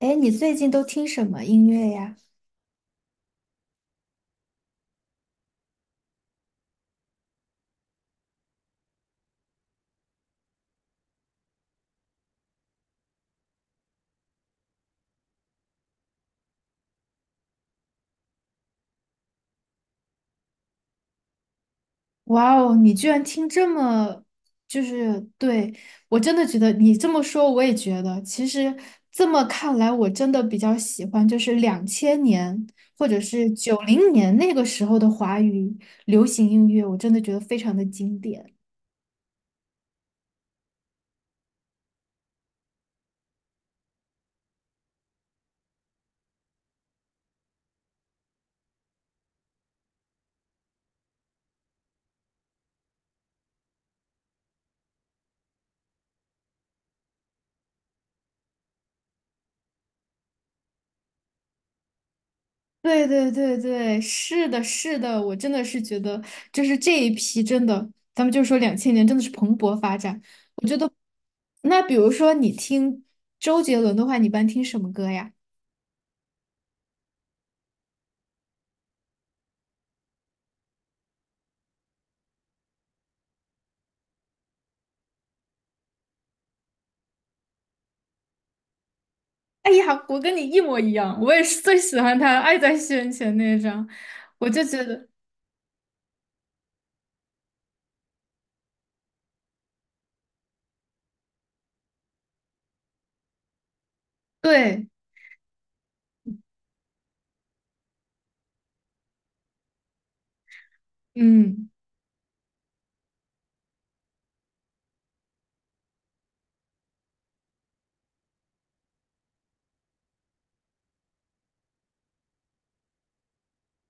哎，你最近都听什么音乐呀？哇哦，你居然听这么，就是对，我真的觉得你这么说，我也觉得，其实这么看来，我真的比较喜欢，就是两千年或者是九零年那个时候的华语流行音乐，我真的觉得非常的经典。对对对对，是的，是的，我真的是觉得，就是这一批真的，咱们就说两千年真的是蓬勃发展。我觉得，那比如说你听周杰伦的话，你一般听什么歌呀？哎呀，我跟你一模一样，我也是最喜欢他的爱在西元前》那一张，我就觉得，对，嗯。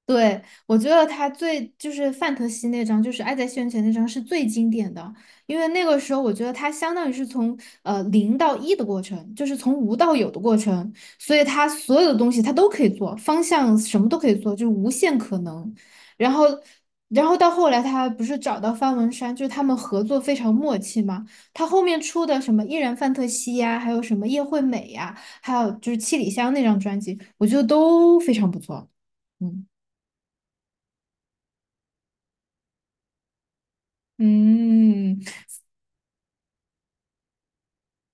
对，我觉得他最就是范特西那张，就是《爱在西元前》那张是最经典的，因为那个时候我觉得他相当于是从零到一的过程，就是从无到有的过程，所以他所有的东西他都可以做，方向什么都可以做，就是无限可能。然后，然后到后来他不是找到方文山，就是他们合作非常默契嘛。他后面出的什么《依然范特西》呀，还有什么《叶惠美》呀，还有就是《七里香》那张专辑，我觉得都非常不错。嗯。嗯，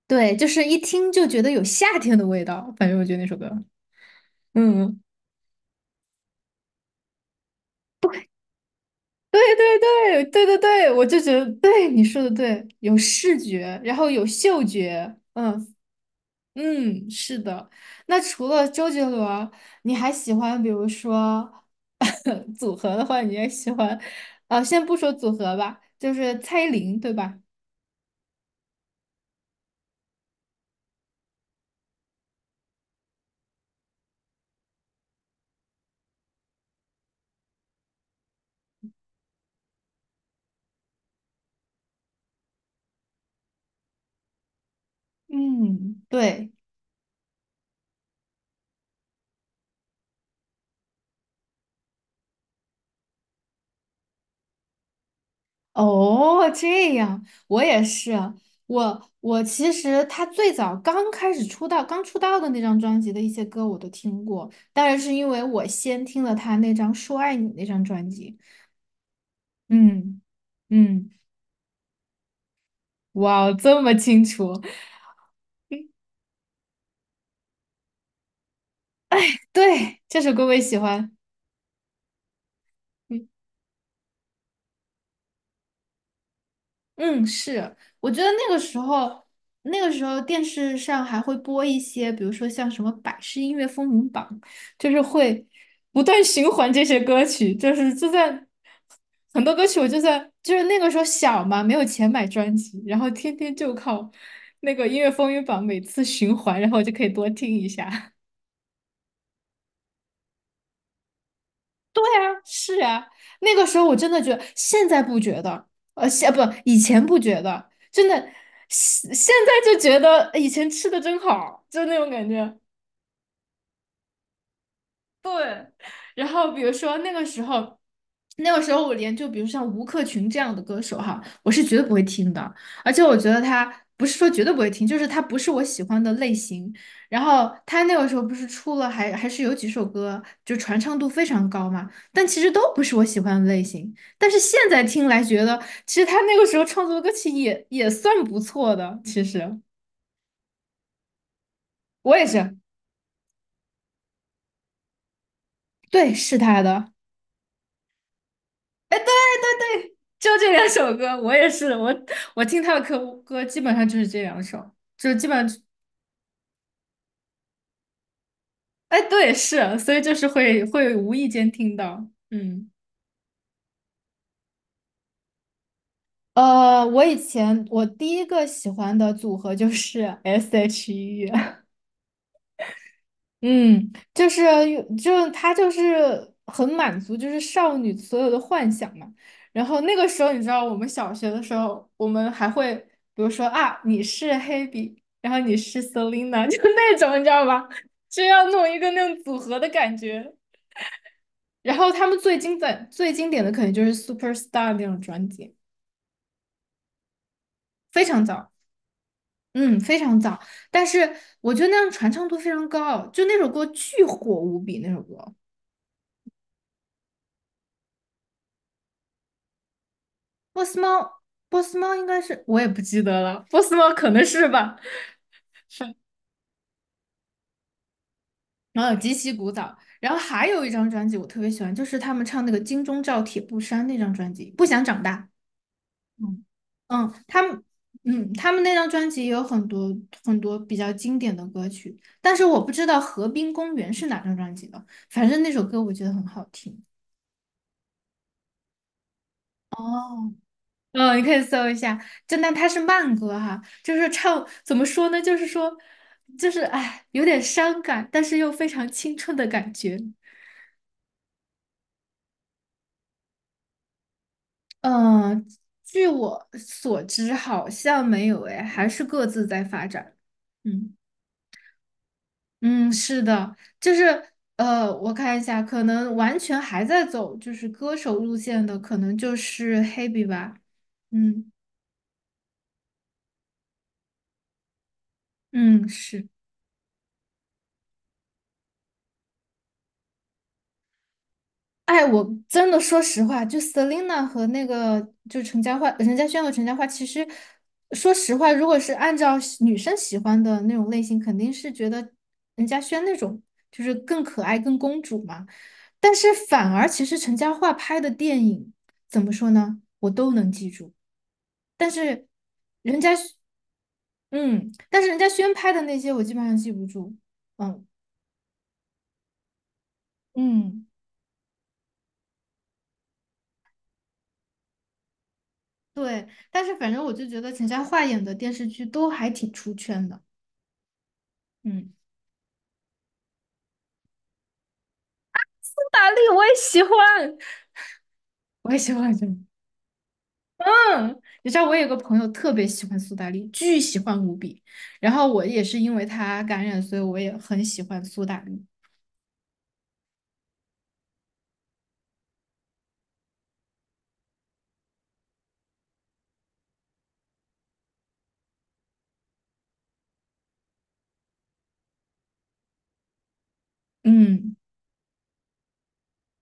对，就是一听就觉得有夏天的味道，反正我觉得那首歌，嗯，对对对对对对，我就觉得对你说的对，有视觉，然后有嗅觉，嗯嗯，是的。那除了周杰伦，你还喜欢比如说 组合的话，你也喜欢，呃，先不说组合吧，就是蔡依林，对吧？嗯，对。哦，这样，我也是。我其实他最早刚开始出道，刚出道的那张专辑的一些歌我都听过，当然是因为我先听了他那张《说爱你》那张专辑。嗯嗯，哇哦，这么清楚。对，这首歌我也喜欢。嗯。嗯，是，我觉得那个时候，那个时候电视上还会播一些，比如说像什么百事音乐风云榜，就是会不断循环这些歌曲，就是就算很多歌曲，我就算就是那个时候小嘛，没有钱买专辑，然后天天就靠那个音乐风云榜每次循环，然后我就可以多听一下。是啊，那个时候我真的觉得，现在不觉得，呃，现不以前不觉得，真的，现现在就觉得以前吃的真好，就那种感觉。对，然后比如说那个时候。那个时候我连就比如像吴克群这样的歌手哈，我是绝对不会听的，而且我觉得他不是说绝对不会听，就是他不是我喜欢的类型。然后他那个时候不是出了还是有几首歌就传唱度非常高嘛，但其实都不是我喜欢的类型。但是现在听来觉得，其实他那个时候创作的歌曲也算不错的。其实我也是，对，是他的。哎。对，就这两首歌，我也是，我我听他的歌基本上就是这两首，就基本上，哎，对，是，所以就是会无意间听到，嗯，呃，我以前第一个喜欢的组合就是 S.H.E,嗯，就她就是很满足，就是少女所有的幻想嘛。然后那个时候，你知道我们小学的时候，我们还会比如说啊，你是黑笔，然后你是 Selina,就那种你知道吧？就要弄一个那种组合的感觉。然后他们最经典最经典的可能就是 Superstar 那种专辑，非常早，嗯，非常早。但是我觉得那样传唱度非常高，就那首歌巨火无比，那首歌。波斯猫，波斯猫应该是我也不记得了，波斯猫可能是吧。是然后极其古早，然后还有一张专辑我特别喜欢，就是他们唱那个《金钟罩铁布衫》那张专辑，《不想长大》。嗯，嗯，他们，嗯，他们那张专辑也有很多很多比较经典的歌曲，但是我不知道《河滨公园》是哪张专辑的，反正那首歌我觉得很好听。哦，嗯，你可以搜一下，就那它是慢歌哈，就是唱怎么说呢？就是说，就是哎，有点伤感，但是又非常青春的感觉。嗯，据我所知，好像没有哎，还是各自在发展。嗯嗯，是的，就是呃，我看一下，可能完全还在走就是歌手路线的，可能就是 Hebe 吧。嗯嗯，是。哎，我真的说实话，就 Selina 和那个就陈嘉桦、陈嘉轩和陈嘉桦，其实说实话，如果是按照喜女生喜欢的那种类型，肯定是觉得任嘉轩那种就是更可爱、更公主嘛。但是反而其实陈嘉桦拍的电影怎么说呢，我都能记住。但是人家，嗯，但是人家轩拍的那些我基本上记不住。嗯嗯。对，但是反正我就觉得陈嘉桦演的电视剧都还挺出圈的。嗯，苏打绿我也喜欢，我也喜欢嗯，你知道我有个朋友特别喜欢苏打绿，巨喜欢无比。然后我也是因为他感染，所以我也很喜欢苏打绿。嗯，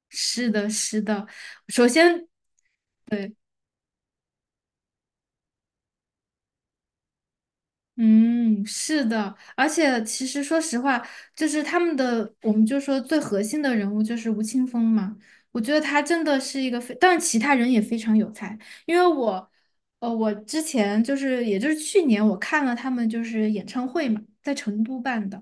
是的，是的。首先。对。嗯，是的，而且其实说实话，就是他们的，我们就说最核心的人物就是吴青峰嘛。我觉得他真的是一个非，但其他人也非常有才。因为我，呃，我之前就是，也就是去年我看了他们就是演唱会嘛，在成都办的。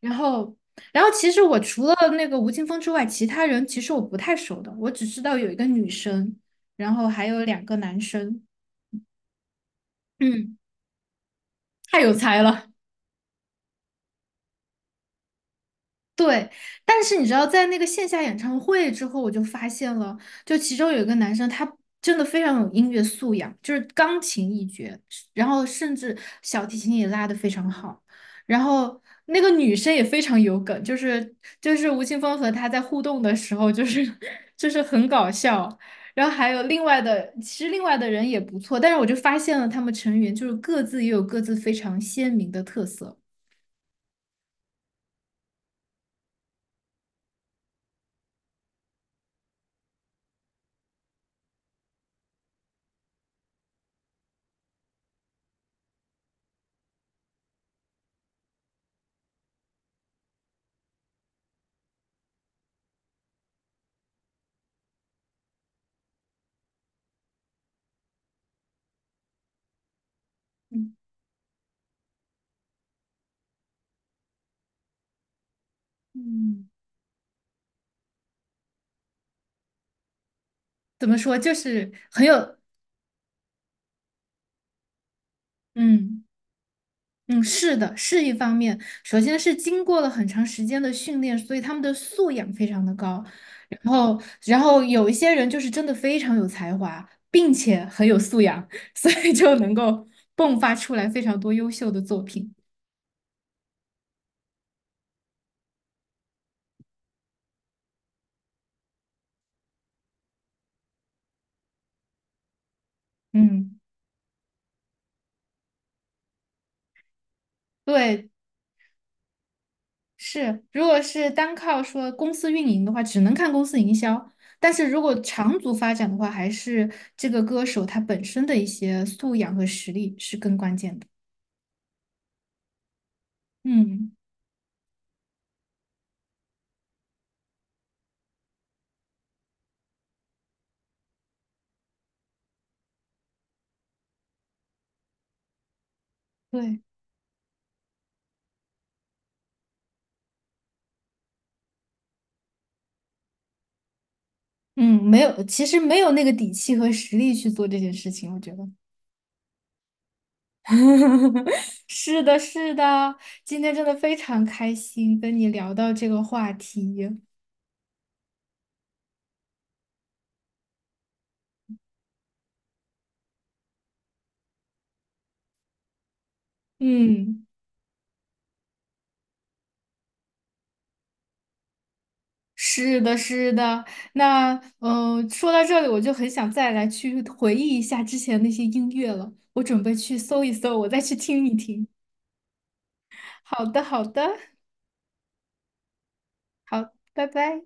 然后，然后其实我除了那个吴青峰之外，其他人其实我不太熟的，我只知道有一个女生，然后还有两个男生。嗯，太有才了。对，但是你知道，在那个线下演唱会之后，我就发现了，就其中有一个男生，他真的非常有音乐素养，就是钢琴一绝，然后甚至小提琴也拉得非常好。然后那个女生也非常有梗，就是吴青峰和他在互动的时候，就是 就是很搞笑。然后还有另外的，其实另外的人也不错，但是我就发现了他们成员就是各自也有各自非常鲜明的特色。嗯嗯。怎么说，就是很有，嗯嗯，是的，是一方面。首先是经过了很长时间的训练，所以他们的素养非常的高。然后，然后有一些人就是真的非常有才华，并且很有素养，所以就能够迸发出来非常多优秀的作品。嗯，对，是，如果是单靠说公司运营的话，只能看公司营销。但是如果长足发展的话，还是这个歌手他本身的一些素养和实力是更关键的。嗯，对，嗯，没有，其实没有那个底气和实力去做这件事情，我觉得。是的，是的，今天真的非常开心跟你聊到这个话题。嗯。是的，是的。那嗯，说到这里，我就很想再来去回忆一下之前那些音乐了。我准备去搜一搜，我再去听一听。好的，好的，好，拜拜。